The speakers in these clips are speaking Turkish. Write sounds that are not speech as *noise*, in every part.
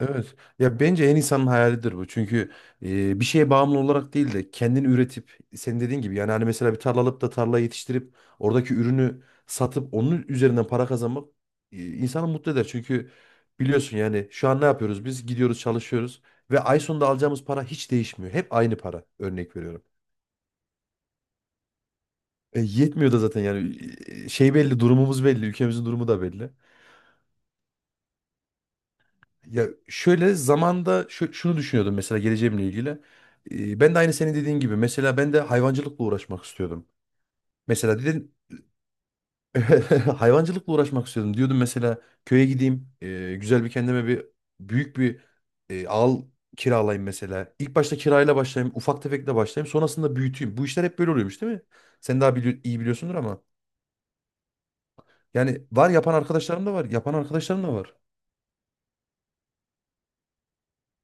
Evet. Ya bence insanın hayalidir bu. Çünkü bir şeye bağımlı olarak değil de kendini üretip senin dediğin gibi yani hani mesela bir tarla alıp da tarla yetiştirip oradaki ürünü satıp onun üzerinden para kazanmak insanı mutlu eder. Çünkü biliyorsun yani şu an ne yapıyoruz? Biz gidiyoruz, çalışıyoruz ve ay sonunda alacağımız para hiç değişmiyor. Hep aynı para. Örnek veriyorum. E, yetmiyor da zaten yani şey belli, durumumuz belli, ülkemizin durumu da belli. Ya şöyle zamanda şunu düşünüyordum mesela geleceğimle ilgili. Ben de aynı senin dediğin gibi mesela ben de hayvancılıkla uğraşmak istiyordum. Mesela dedim *laughs* hayvancılıkla uğraşmak istiyordum. Diyordum mesela köye gideyim, güzel bir kendime bir büyük bir e, al kiralayayım mesela. İlk başta kirayla başlayayım, ufak tefekle başlayayım, sonrasında büyüteyim. Bu işler hep böyle oluyormuş değil mi? Sen daha iyi biliyorsundur ama. Yani var yapan arkadaşlarım da var.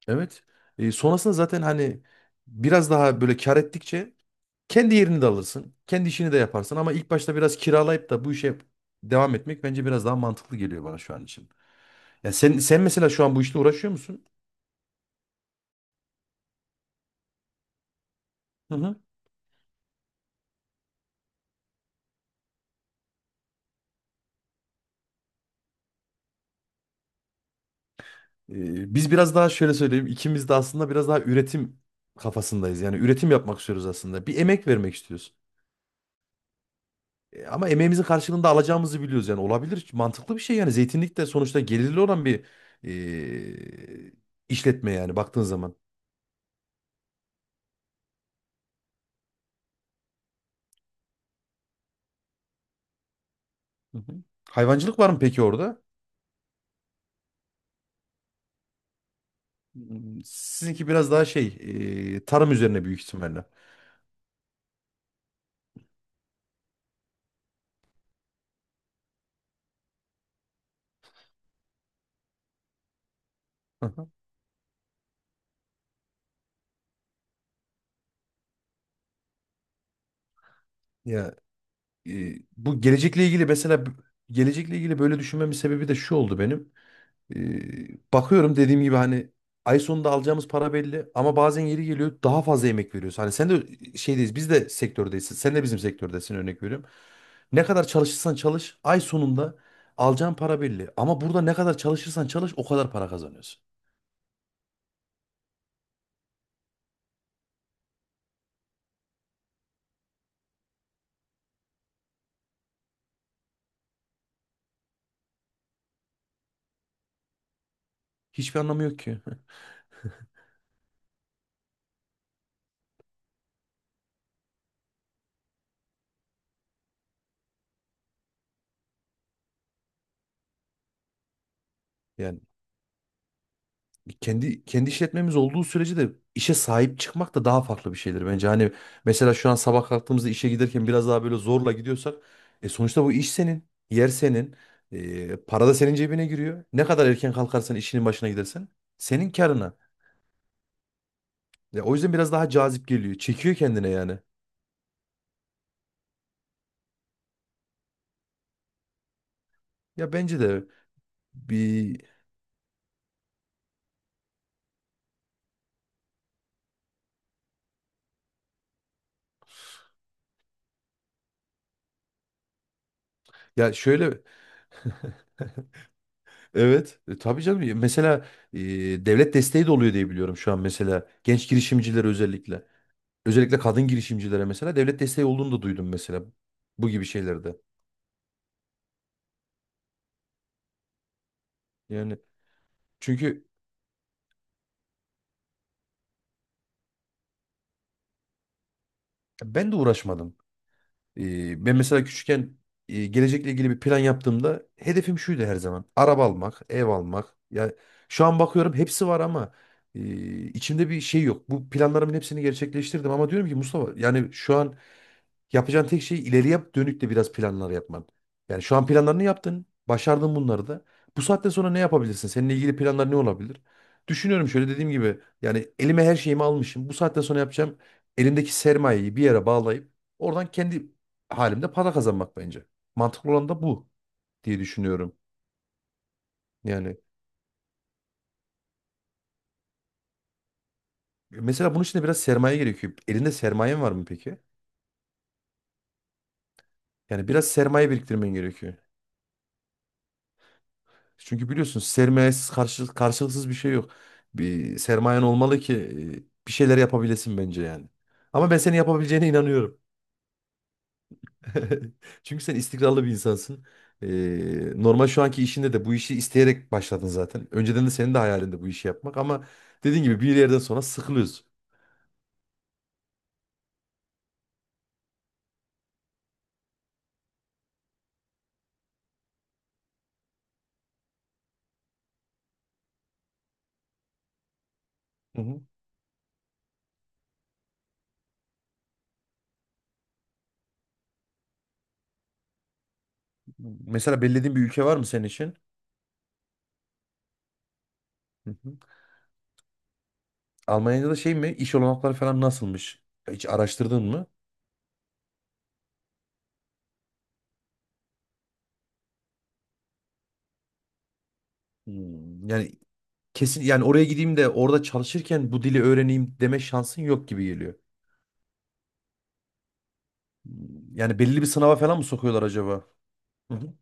Evet. E, sonrasında zaten hani biraz daha böyle kar ettikçe kendi yerini de alırsın. Kendi işini de yaparsın, ama ilk başta biraz kiralayıp da bu işe devam etmek bence biraz daha mantıklı geliyor bana şu an için. Ya sen mesela şu an bu işle uğraşıyor musun? Hı hı. Biz biraz daha şöyle söyleyeyim, ikimiz de aslında biraz daha üretim kafasındayız. Yani üretim yapmak istiyoruz aslında. Bir emek vermek istiyoruz. E, ama emeğimizin karşılığında alacağımızı biliyoruz, yani olabilir. Mantıklı bir şey yani, zeytinlik de sonuçta gelirli olan bir e, işletme yani baktığın zaman. Hı hı. Hayvancılık var mı peki orada? Hmm, sizinki biraz daha şey, tarım üzerine büyük ihtimalle. Hı hı. Ya bu gelecekle ilgili mesela gelecekle ilgili böyle düşünmemin sebebi de şu oldu benim. Bakıyorum dediğim gibi hani ay sonunda alacağımız para belli, ama bazen yeri geliyor daha fazla emek veriyoruz. Hani sen de şeydeyiz, biz de sektördeyiz. Sen de bizim sektördesin, örnek veriyorum. Ne kadar çalışırsan çalış ay sonunda alacağın para belli. Ama burada ne kadar çalışırsan çalış o kadar para kazanıyorsun. Hiçbir anlamı yok ki. *laughs* Yani kendi işletmemiz olduğu sürece de işe sahip çıkmak da daha farklı bir şeydir bence. Hani mesela şu an sabah kalktığımızda işe giderken biraz daha böyle zorla gidiyorsak, sonuçta bu iş senin, yer senin, para da senin cebine giriyor. Ne kadar erken kalkarsan, işinin başına gidersen, senin karına. Ya o yüzden biraz daha cazip geliyor. Çekiyor kendine yani. Ya bence de bir ya şöyle evet, tabii canım mesela e, devlet desteği de oluyor diye biliyorum şu an mesela, genç girişimciler özellikle. Özellikle kadın girişimcilere mesela devlet desteği olduğunu da duydum mesela bu gibi şeylerde. Yani çünkü ben de uğraşmadım. Ben mesela küçükken gelecekle ilgili bir plan yaptığımda hedefim şuydu her zaman. Araba almak, ev almak. Ya şu an bakıyorum hepsi var, ama içimde bir şey yok. Bu planlarımın hepsini gerçekleştirdim, ama diyorum ki Mustafa, yani şu an yapacağın tek şey ileriye dönük de biraz planlar yapman. Yani şu an planlarını yaptın, başardın bunları da. Bu saatten sonra ne yapabilirsin? Seninle ilgili planlar ne olabilir? Düşünüyorum, şöyle dediğim gibi yani elime her şeyimi almışım. Bu saatten sonra yapacağım, elimdeki sermayeyi bir yere bağlayıp oradan kendi halimde para kazanmak bence. Mantıklı olan da bu diye düşünüyorum. Yani mesela bunun için de biraz sermaye gerekiyor. Elinde sermayen var mı peki? Yani biraz sermaye biriktirmen gerekiyor. Çünkü biliyorsun sermayesiz, karşılıksız bir şey yok. Bir sermayen olmalı ki bir şeyler yapabilesin bence yani. Ama ben senin yapabileceğine inanıyorum. *laughs* Çünkü sen istikrarlı bir insansın. Normal şu anki işinde de bu işi isteyerek başladın zaten. Önceden de senin de hayalinde bu işi yapmak, ama dediğin gibi bir yerden sonra sıkılıyorsun. Hı hı. Mesela belirlediğin bir ülke var mı senin için? Hı hı. Almanya'da da şey mi, İş olanakları falan nasılmış? Hiç araştırdın mı? Hmm. Yani kesin, yani oraya gideyim de orada çalışırken bu dili öğreneyim deme şansın yok gibi geliyor. Hmm, yani belli bir sınava falan mı sokuyorlar acaba? Hı hı.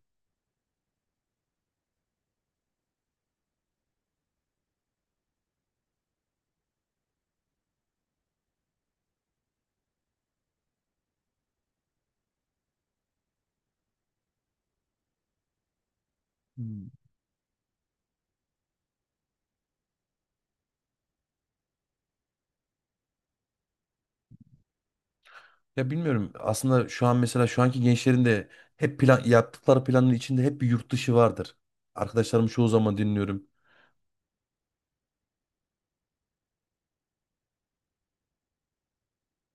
Hmm. Ya bilmiyorum. Aslında şu an mesela şu anki gençlerin de hep plan yaptıkları planın içinde hep bir yurt dışı vardır. Arkadaşlarım çoğu zaman dinliyorum.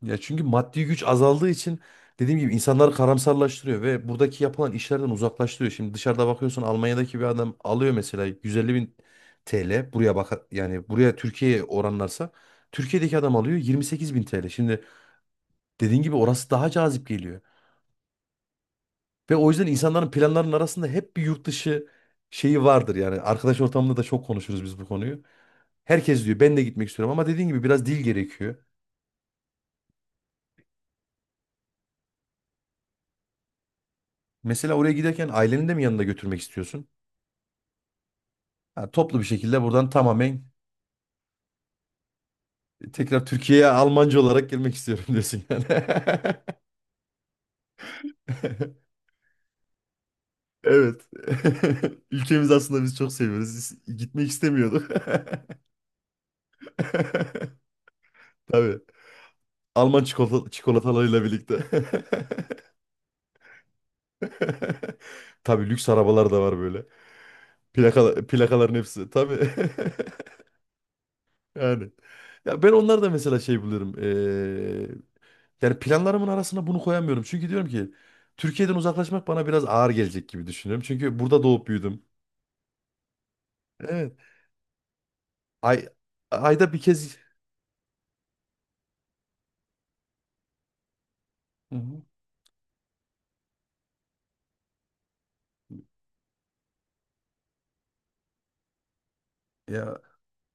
Ya çünkü maddi güç azaldığı için, dediğim gibi, insanları karamsarlaştırıyor ve buradaki yapılan işlerden uzaklaştırıyor. Şimdi dışarıda bakıyorsun, Almanya'daki bir adam alıyor mesela 150 bin TL, buraya bak yani, buraya Türkiye'ye oranlarsa Türkiye'deki adam alıyor 28 bin TL. Şimdi dediğin gibi orası daha cazip geliyor ve o yüzden insanların planlarının arasında hep bir yurt dışı şeyi vardır yani. Arkadaş ortamında da çok konuşuruz biz bu konuyu. Herkes diyor ben de gitmek istiyorum, ama dediğin gibi biraz dil gerekiyor. Mesela oraya giderken aileni de mi yanında götürmek istiyorsun? Ha, toplu bir şekilde buradan tamamen tekrar Türkiye'ye Almanca olarak girmek istiyorum diyorsun yani. *laughs* Evet. *laughs* Ülkemiz aslında, biz çok seviyoruz. Biz gitmek istemiyorduk. *laughs* Tabii. Alman çikolatalarıyla birlikte. *laughs* Tabii lüks arabalar da var böyle. Plakaların hepsi. Tabii. *laughs* Yani. Ya ben onlar da mesela şey buluyorum. Yani planlarımın arasına bunu koyamıyorum. Çünkü diyorum ki Türkiye'den uzaklaşmak bana biraz ağır gelecek gibi düşünüyorum. Çünkü burada doğup büyüdüm. Evet. Ay, Ayda bir kez. Hı hı. Ya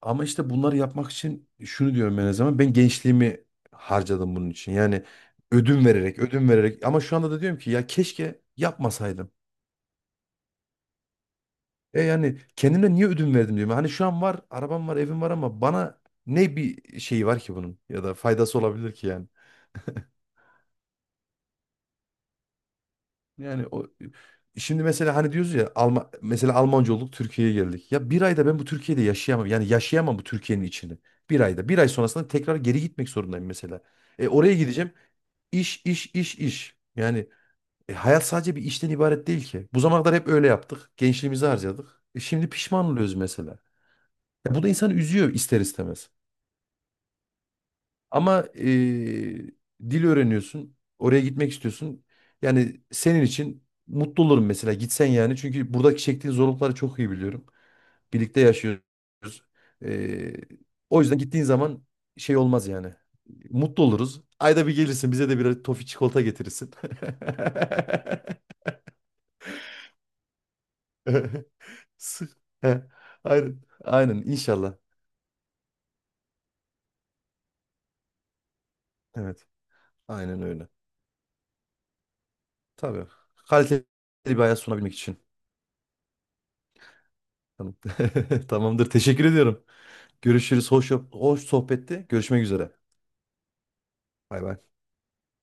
ama işte bunları yapmak için şunu diyorum ben her zaman. Ben gençliğimi harcadım bunun için. Yani ödün vererek, ödün vererek, ama şu anda da diyorum ki ya keşke yapmasaydım. E yani kendime niye ödün verdim diyorum. Hani şu an var, arabam var, evim var, ama bana ne bir şeyi var ki bunun, ya da faydası olabilir ki yani? Yani o şimdi mesela hani diyoruz ya, mesela Almanca olduk, Türkiye'ye geldik. Ya bir ayda ben bu Türkiye'de yaşayamam. Yani yaşayamam bu Türkiye'nin içini. Bir ayda. Bir ay sonrasında tekrar geri gitmek zorundayım mesela. E oraya gideceğim. İş, iş, iş, iş. Yani hayat sadece bir işten ibaret değil ki. Bu zamana kadar hep öyle yaptık. Gençliğimizi harcadık. E, şimdi pişman oluyoruz mesela. Ya bu da insanı üzüyor ister istemez. Ama dil öğreniyorsun. Oraya gitmek istiyorsun. Yani senin için mutlu olurum mesela, gitsen yani. Çünkü buradaki çektiğin zorlukları çok iyi biliyorum. Birlikte yaşıyoruz. Eee, O yüzden gittiğin zaman şey olmaz yani. Mutlu oluruz. Ayda bir gelirsin, bize de bir tofi çikolata getirirsin. *laughs* Sık- He, Aynen. Aynen inşallah. Evet. Aynen öyle. Tabii. Kaliteli bir hayat sunabilmek için. Tamam. *laughs* Tamamdır. Teşekkür ediyorum. Görüşürüz. Hoş sohbetti. Görüşmek üzere. Bay bay.